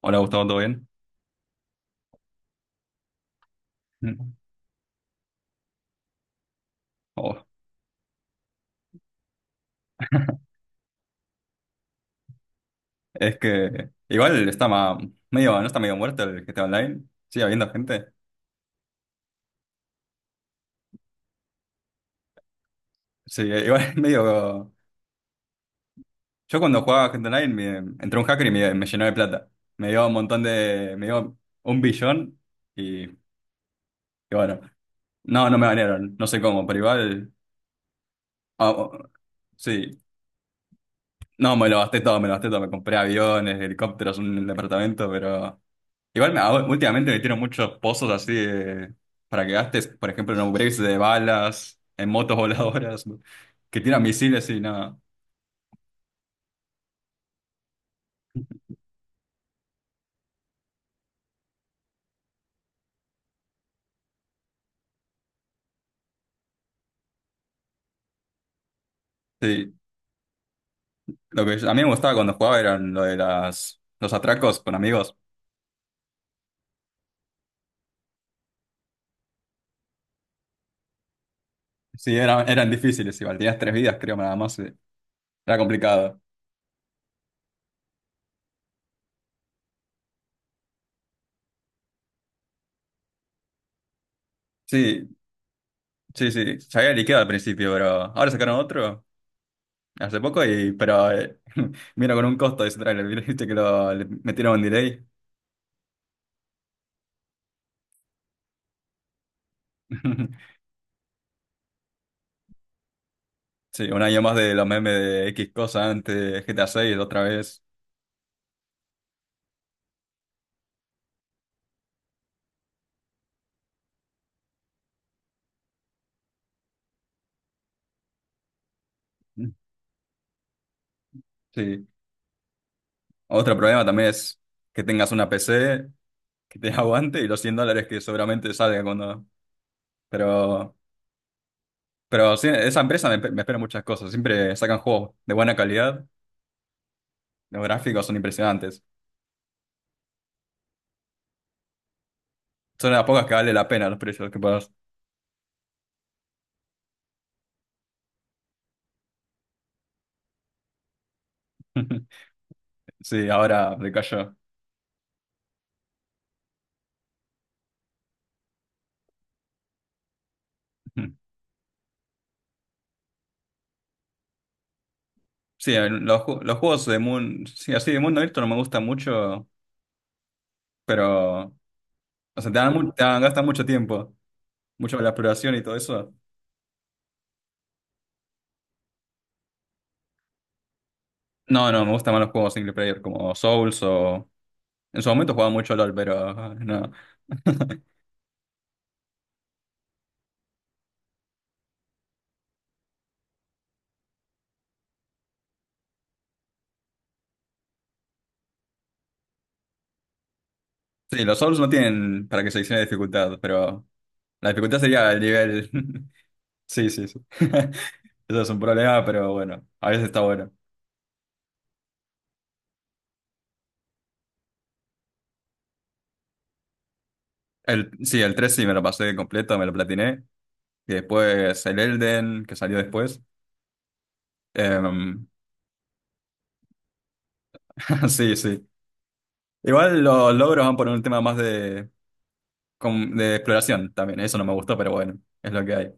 Hola Gustavo, ¿todo bien? Mm. Oh, es que igual está medio, no está medio muerto el GTA Online, sigue habiendo gente. Sí, igual es medio... Yo cuando jugaba GTA Online entró un hacker y me llenó de plata. Me dio un billón y bueno, no, no me banearon, no sé cómo, pero igual... Ah, oh, sí, no, me lo gasté todo, me lo gasté todo, me compré aviones, helicópteros, un departamento, pero... Igual últimamente metieron muchos pozos para que gastes, por ejemplo, en upgrades de balas, en motos voladoras, ¿no? Que tiran misiles y nada. Sí, a mí me gustaba cuando jugaba eran lo de los atracos con amigos. Sí, eran difíciles igual, tenías tres vidas creo nada más, sí. Era complicado. Sí, sí, sí, se había liqueado al principio, pero ahora sacaron otro hace poco y, pero, vino con un costo de ese trailer, viste que lo le metieron un delay. Sí, un año más de los memes de X cosa antes, GTA 6 otra vez. Mm. Sí. Otro problema también es que tengas una PC que te aguante y los $100 que seguramente salga cuando... Pero, pero sí, esa empresa me espera muchas cosas. Siempre sacan juegos de buena calidad, los gráficos son impresionantes. Son las pocas que vale la pena los precios que pagas. Sí, ahora decayó. Mm. Sí, los juegos de mundo, sí, así de mundo abierto no me gustan mucho, pero, o sea, te dan, mu- te dan- gastan mucho tiempo. Mucho la exploración y todo eso. No, no, me gustan más los juegos single player como Souls o... En su momento jugaba mucho LOL, pero ah, no. Sí, los Souls no tienen para que seleccione dificultad, pero la dificultad sería el nivel. Sí, sí, sí. Eso es un problema, pero bueno, a veces está bueno. Sí, el 3 sí me lo pasé completo, me lo platiné. Y después el Elden, que salió después. Em, sí, sí. Igual los logros van por un tema más de, de exploración también. Eso no me gustó, pero bueno, es lo que hay.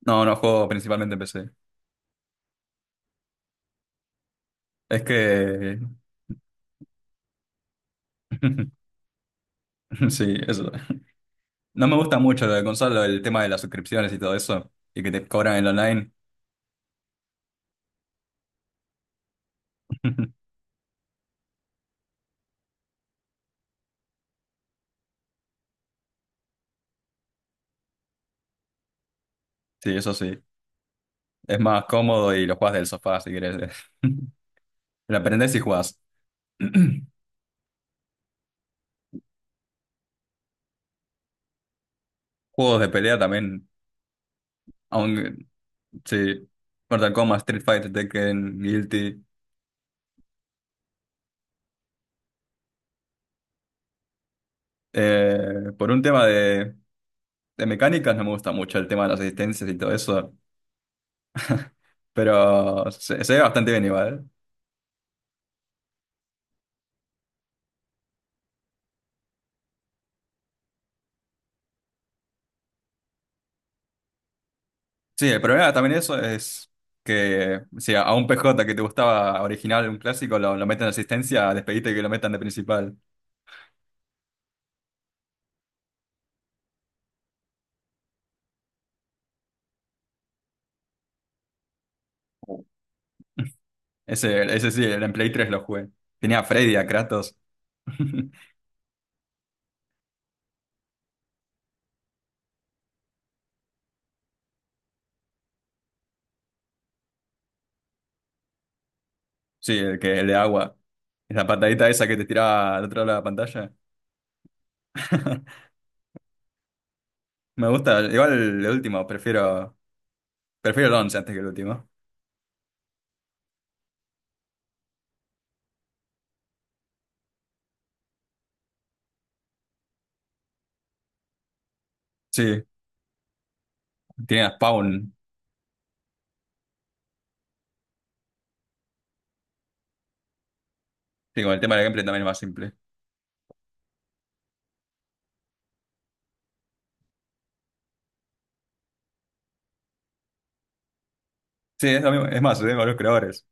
No, no juego principalmente en PC. Es que... Sí, eso. No me gusta mucho lo de consola, el tema de las suscripciones y todo eso, y que te cobran el online. Sí, eso sí. Es más cómodo y lo jugás del sofá si querés. Lo aprendés y jugás. Juegos de pelea también, aunque... Sí. Mortal Kombat, Street Fighter, Tekken, Guilty. Por un tema de, mecánicas no me gusta mucho el tema de las asistencias y todo eso. Pero se ve bastante bien igual, ¿eh? Sí, el problema también eso es que si a, un PJ que te gustaba original, un clásico, lo meten de asistencia, despediste que lo metan de principal. Ese sí, el en Play 3 lo jugué. Tenía a Freddy, a Kratos. Sí, el que, el de agua. La patadita esa que te tiraba al otro lado de la pantalla. Me gusta. Igual el último, prefiero. Prefiero el 11 antes que el último. Sí, tiene a Spawn. Sí, con el tema del gameplay también es más simple. Sí, es lo mismo. Es más, tengo los creadores.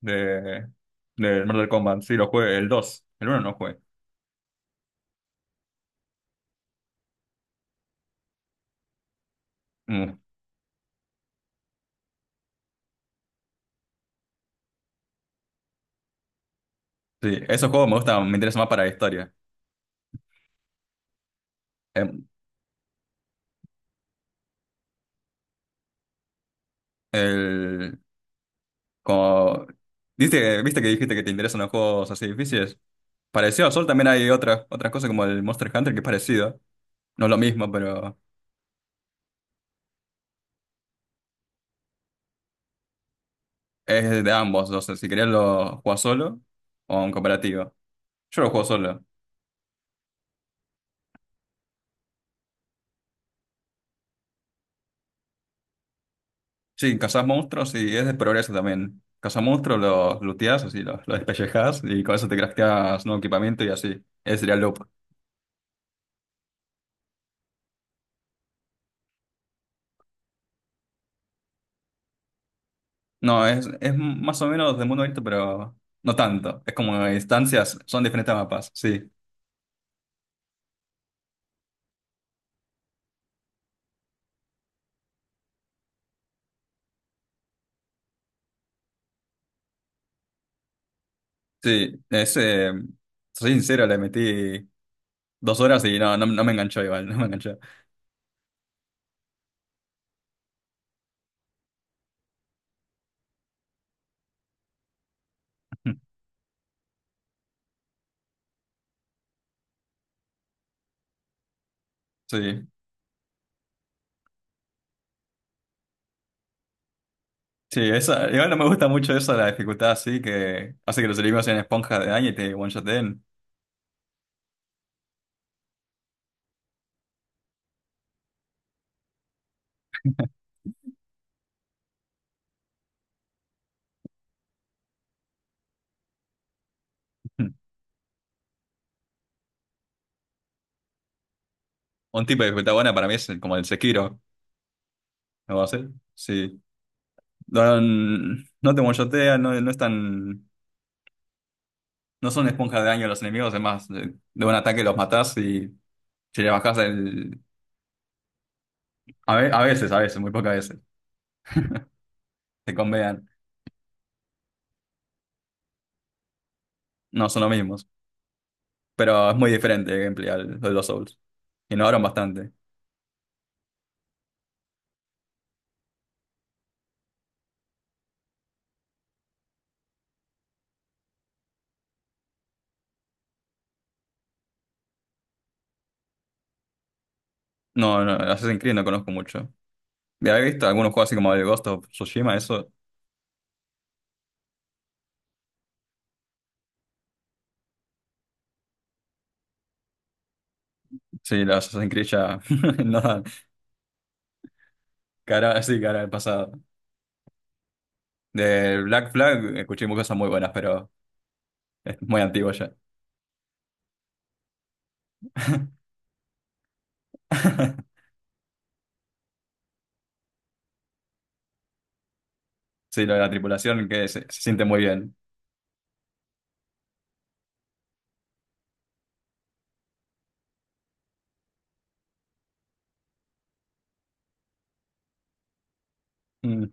de, del Mortal Kombat. Sí, lo jugué, el dos. El uno no jugué. Mm. Sí, esos juegos me gustan, me interesan más para la historia. Em, el, como, ¿viste, que dijiste que te interesan los juegos así difíciles? Parecido a Sol también hay otras cosas como el Monster Hunter que es parecido. No es lo mismo, pero es de ambos. O sea, si querías lo juegas solo o en cooperativo. Yo lo juego solo. Sí, cazas monstruos y es de progreso también. Cazas monstruos, los looteas, así, los despellejas y con eso te crafteas nuevo equipamiento y así. Ese sería el loop. No, es más o menos de mundo abierto, pero no tanto. Es como instancias, son diferentes mapas, sí. Sí, soy sincero, le metí 2 horas y no, no, no me enganchó igual, no me enganchó. Sí, sí, esa, igual no me gusta mucho eso, la dificultad así que hace que los enemigos sean esponjas de daño y te one-shoten. Un tipo de dificultad buena para mí es como el Sekiro. Lo va a hacer. Sí. No, no te mochotea, no, no es no son esponjas de daño los enemigos, es más, de un ataque los matás y si le bajás el... A veces, a veces, muy pocas veces, te convean. No son los mismos, pero es muy diferente el gameplay de los Souls. Innovaron bastante. No, no, el Assassin's Creed no conozco mucho. De haber visto algunos juegos así como el Ghost of Tsushima, eso, sí, el Assassin's Creed ya no dan cara, sí cara al pasado. Del Black Flag escuché muchas cosas muy buenas, pero es muy antiguo ya. Sí, lo de la tripulación que se siente muy bien. Mm.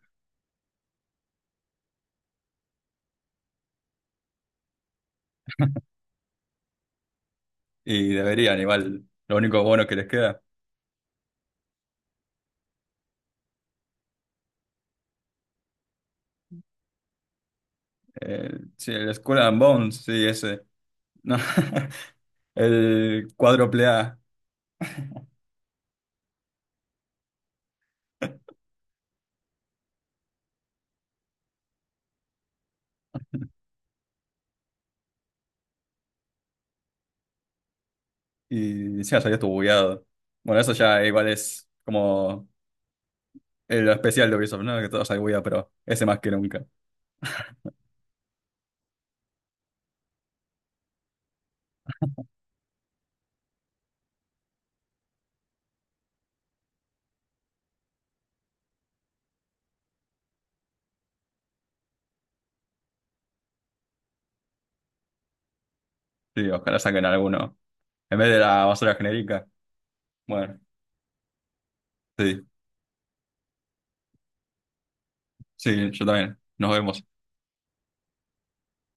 Y deberían, igual. Lo único bueno que les queda. Eh, sí, el Skull and Bones, sí, ese. No. El cuádruple A. Y ya salió tu bugueado. Bueno, eso ya igual es como el especial de Ubisoft, ¿no? Que todo sale bugueado, pero ese más que nunca. Sí, ojalá saquen alguno. En vez de la basura genérica. Bueno, sí, sí, yo también. Nos vemos.